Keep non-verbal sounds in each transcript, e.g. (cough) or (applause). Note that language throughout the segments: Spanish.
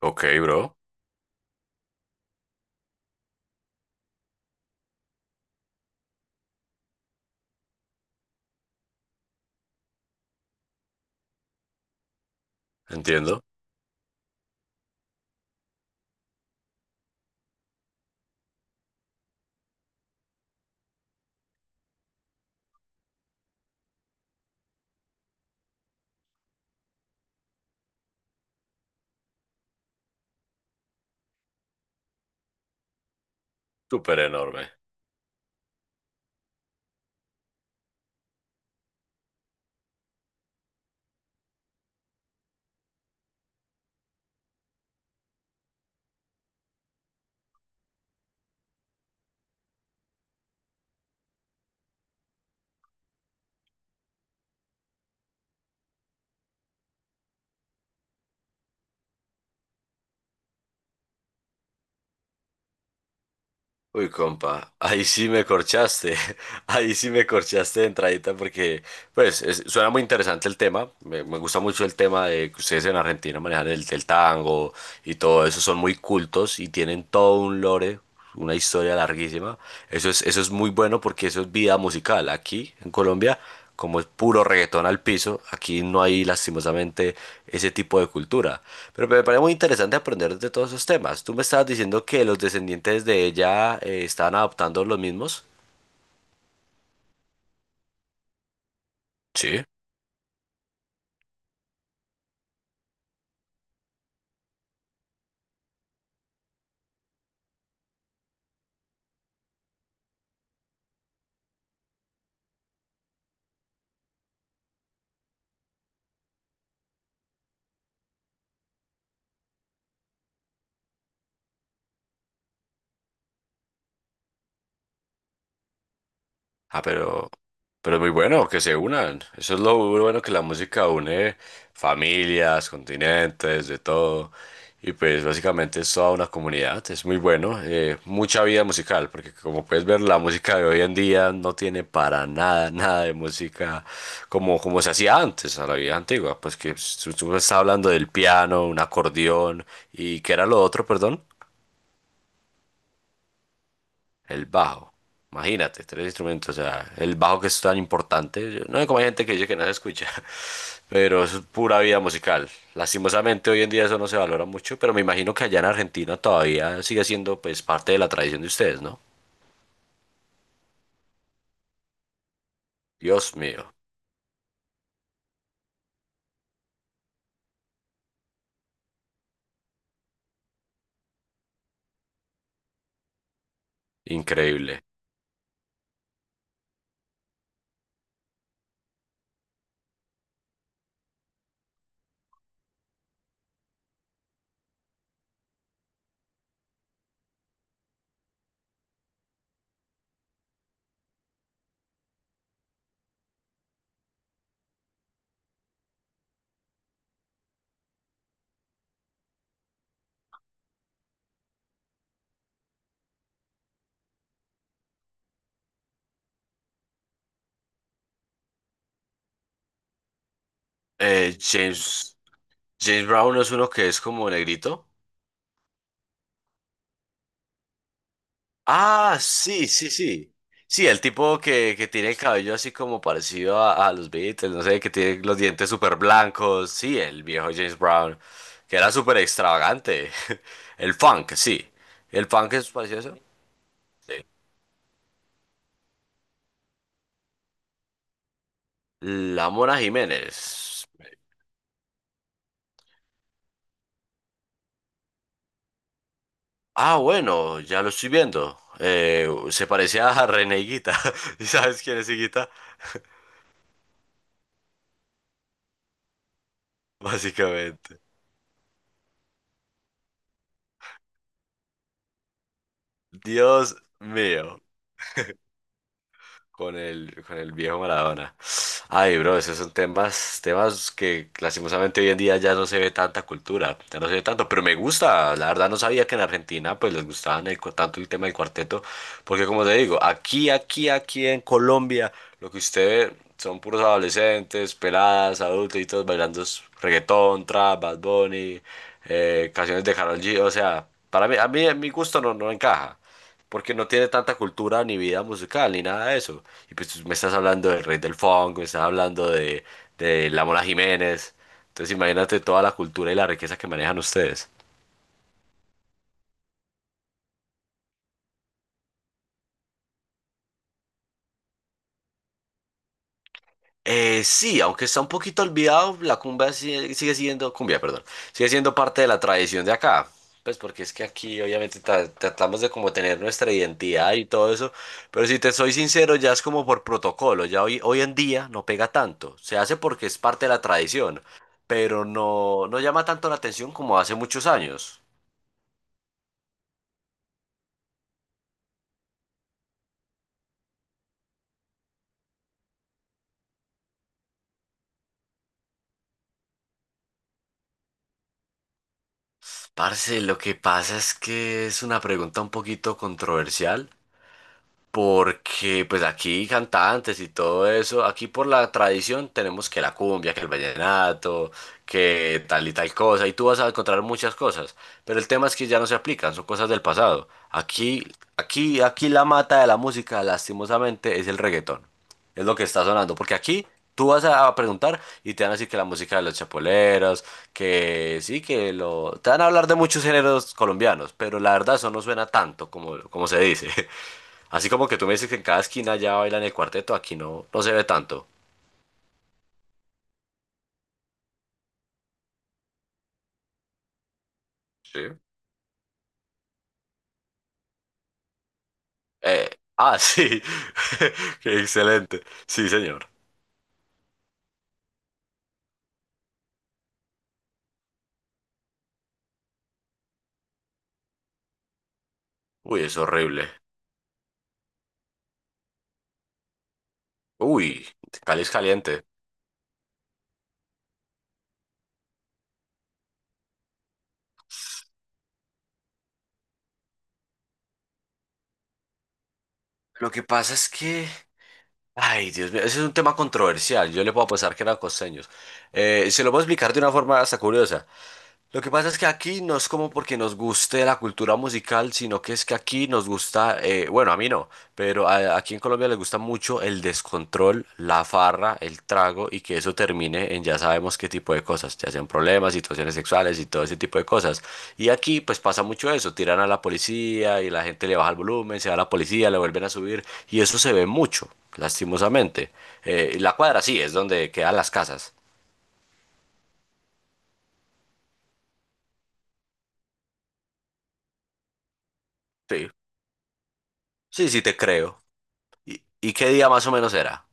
Ok, bro, entiendo. Súper enorme. Uy, compa, ahí sí me corchaste. (laughs) Ahí sí me corchaste de entradita porque, pues, suena muy interesante el tema. Me gusta mucho el tema de que ustedes en Argentina manejan el tango y todo eso. Son muy cultos y tienen todo un lore, una historia larguísima. Eso es muy bueno porque eso es vida musical. Aquí en Colombia, como es puro reggaetón al piso, aquí no hay lastimosamente ese tipo de cultura. Pero me parece muy interesante aprender de todos esos temas. Tú me estabas diciendo que los descendientes de ella estaban adoptando los mismos. Sí. Ah, pero muy bueno que se unan. Eso es lo bueno que la música une familias, continentes, de todo. Y pues básicamente es toda una comunidad. Es muy bueno. Mucha vida musical, porque como puedes ver, la música de hoy en día no tiene para nada, (laughs) nada de música como se hacía antes, a la vida antigua. Pues que tú me estás hablando del piano, un acordeón y ¿qué era lo otro, perdón? El bajo. Imagínate, tres instrumentos. O sea, el bajo que es tan importante. No sé cómo hay gente que dice que no se escucha. (laughs) Pero eso es pura vida musical. Lastimosamente hoy en día eso no se valora mucho. Pero me imagino que allá en Argentina todavía sigue siendo pues parte de la tradición de ustedes, ¿no? Dios mío. Increíble. Eh, James, James Brown es uno que es como negrito. Ah, sí, sí, sí. Sí, el tipo que tiene el cabello así como parecido a los Beatles, no sé, que tiene los dientes súper blancos. Sí, el viejo James Brown, que era súper extravagante. (laughs) El funk, sí. ¿El funk es parecido a eso? Sí. La Mona Jiménez. Ah, bueno, ya lo estoy viendo. Se parecía a René Higuita. (laughs) ¿Y sabes quién es Higuita? Básicamente. Dios mío. Con con el viejo Maradona. Ay, bro, esos son temas, temas que lastimosamente hoy en día ya no se ve tanta cultura, ya no se ve tanto, pero me gusta, la verdad no sabía que en Argentina pues les gustaban el tanto el tema del cuarteto, porque como te digo, aquí en Colombia, lo que usted ve son puros adolescentes, peladas, adultitos bailando reggaetón, trap, Bad Bunny, canciones de Karol G, o sea, para mí, a mi gusto no encaja porque no tiene tanta cultura ni vida musical ni nada de eso. Y pues tú me estás hablando del Rey del Funk, me estás hablando de la Mona Jiménez. Entonces imagínate toda la cultura y la riqueza que manejan ustedes. Sí, aunque está un poquito olvidado, la cumbia sigue siendo, cumbia, perdón, sigue siendo parte de la tradición de acá. Pues porque es que aquí obviamente tratamos de como tener nuestra identidad y todo eso, pero si te soy sincero, ya es como por protocolo, hoy en día no pega tanto, se hace porque es parte de la tradición, pero no llama tanto la atención como hace muchos años. Parce, lo que pasa es que es una pregunta un poquito controversial. Porque pues aquí cantantes y todo eso, aquí por la tradición tenemos que la cumbia, que el vallenato, que tal y tal cosa, y tú vas a encontrar muchas cosas, pero el tema es que ya no se aplican, son cosas del pasado. Aquí la mata de la música, lastimosamente, es el reggaetón. Es lo que está sonando, porque aquí tú a preguntar y te van a decir que la música de los chapoleros, que sí, que lo... Te van a hablar de muchos géneros colombianos, pero la verdad eso no suena tanto como se dice. Así como que tú me dices que en cada esquina ya bailan el cuarteto, aquí no se ve tanto. Sí. Eh, ah, sí. (laughs) Qué excelente. Sí, señor. Uy, es horrible. Uy, Cali es caliente. Lo que pasa es que, ay, Dios mío, ese es un tema controversial. Yo le puedo pensar que eran costeños. Se lo puedo explicar de una forma hasta curiosa. Lo que pasa es que aquí no es como porque nos guste la cultura musical, sino que es que aquí nos gusta, bueno, a mí no, pero aquí en Colombia les gusta mucho el descontrol, la farra, el trago y que eso termine en ya sabemos qué tipo de cosas, ya sean problemas, situaciones sexuales y todo ese tipo de cosas. Y aquí pues pasa mucho eso, tiran a la policía y la gente le baja el volumen, se va la policía, le vuelven a subir y eso se ve mucho, lastimosamente. Y la cuadra sí, es donde quedan las casas. Sí, sí, sí te creo. Y qué día más o menos era?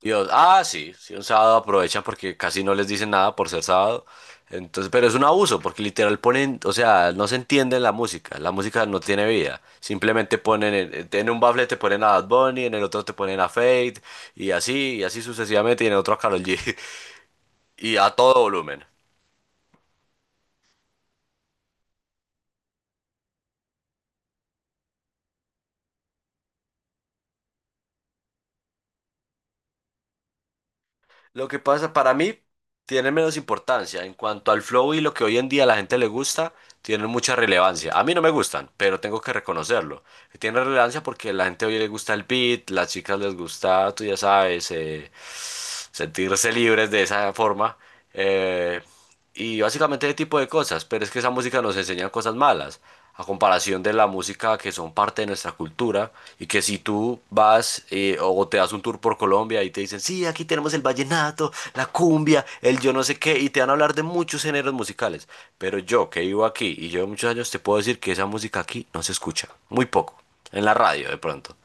Dios, ah, sí, sí, un sábado aprovechan porque casi no les dicen nada por ser sábado. Entonces, pero es un abuso porque literal ponen, o sea, no se entiende la música no tiene vida. Simplemente ponen, en un bafle te ponen a Bad Bunny, en el otro te ponen a Fate y así sucesivamente, y en el otro a Karol G, (laughs) y a todo volumen. Lo que pasa para mí tiene menos importancia. En cuanto al flow y lo que hoy en día a la gente le gusta, tienen mucha relevancia. A mí no me gustan, pero tengo que reconocerlo. Tiene relevancia porque a la gente hoy le gusta el beat, las chicas les gusta, tú ya sabes, sentirse libres de esa forma eh, y básicamente ese tipo de cosas, pero es que esa música nos enseña cosas malas a comparación de la música que son parte de nuestra cultura y que si tú vas o te das un tour por Colombia y te dicen, sí, aquí tenemos el vallenato, la cumbia, el yo no sé qué, y te van a hablar de muchos géneros musicales, pero yo que vivo aquí y llevo muchos años te puedo decir que esa música aquí no se escucha, muy poco, en la radio de pronto.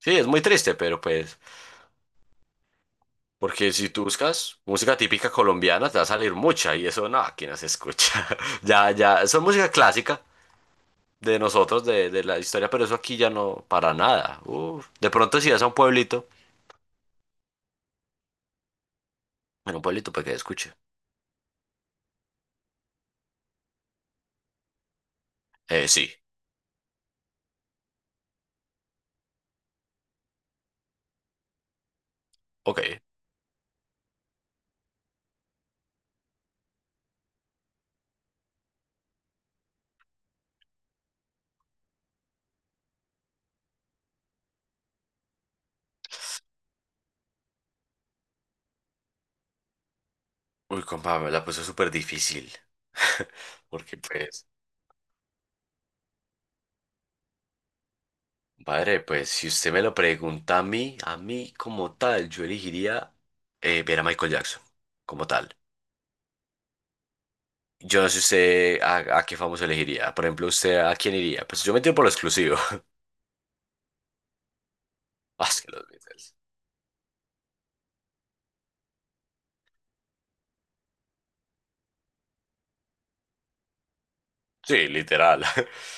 Sí, es muy triste, pero pues porque si tú buscas música típica colombiana, te va a salir mucha y eso no, aquí no se escucha. (laughs) Ya, eso es música clásica de nosotros, de la historia, pero eso aquí ya no, para nada. Uf. De pronto si vas a un pueblito, en un pueblito para que escuche. Sí, ok. Uy, compa, me la puso súper difícil. (laughs) Porque pues, padre, pues si usted me lo pregunta a mí como tal, yo elegiría ver a Michael Jackson, como tal. Yo no sé usted a qué famoso elegiría. Por ejemplo, usted a quién iría. Pues yo me tiro por lo exclusivo. (laughs) Ah, es que los Beatles. Sí, literal. (laughs)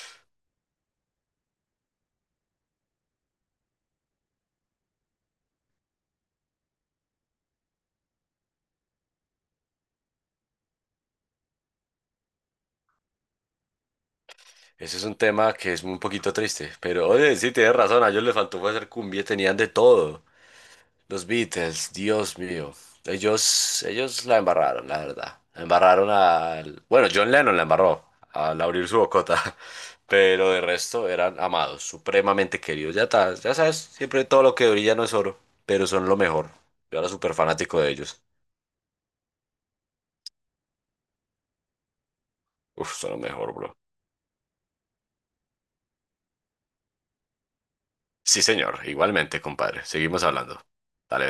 Ese es un tema que es un poquito triste, pero oye, sí, tienes razón, a ellos les faltó fue hacer cumbia, tenían de todo. Los Beatles, Dios mío. Ellos la embarraron, la verdad. La embarraron al... Bueno, John Lennon la embarró al abrir su bocota. (laughs) Pero de resto eran amados, supremamente queridos. Ya está, ya sabes, siempre todo lo que brilla no es oro, pero son lo mejor. Yo era súper fanático de ellos. Uf, son lo mejor, bro. Sí, señor, igualmente, compadre. Seguimos hablando. Dale.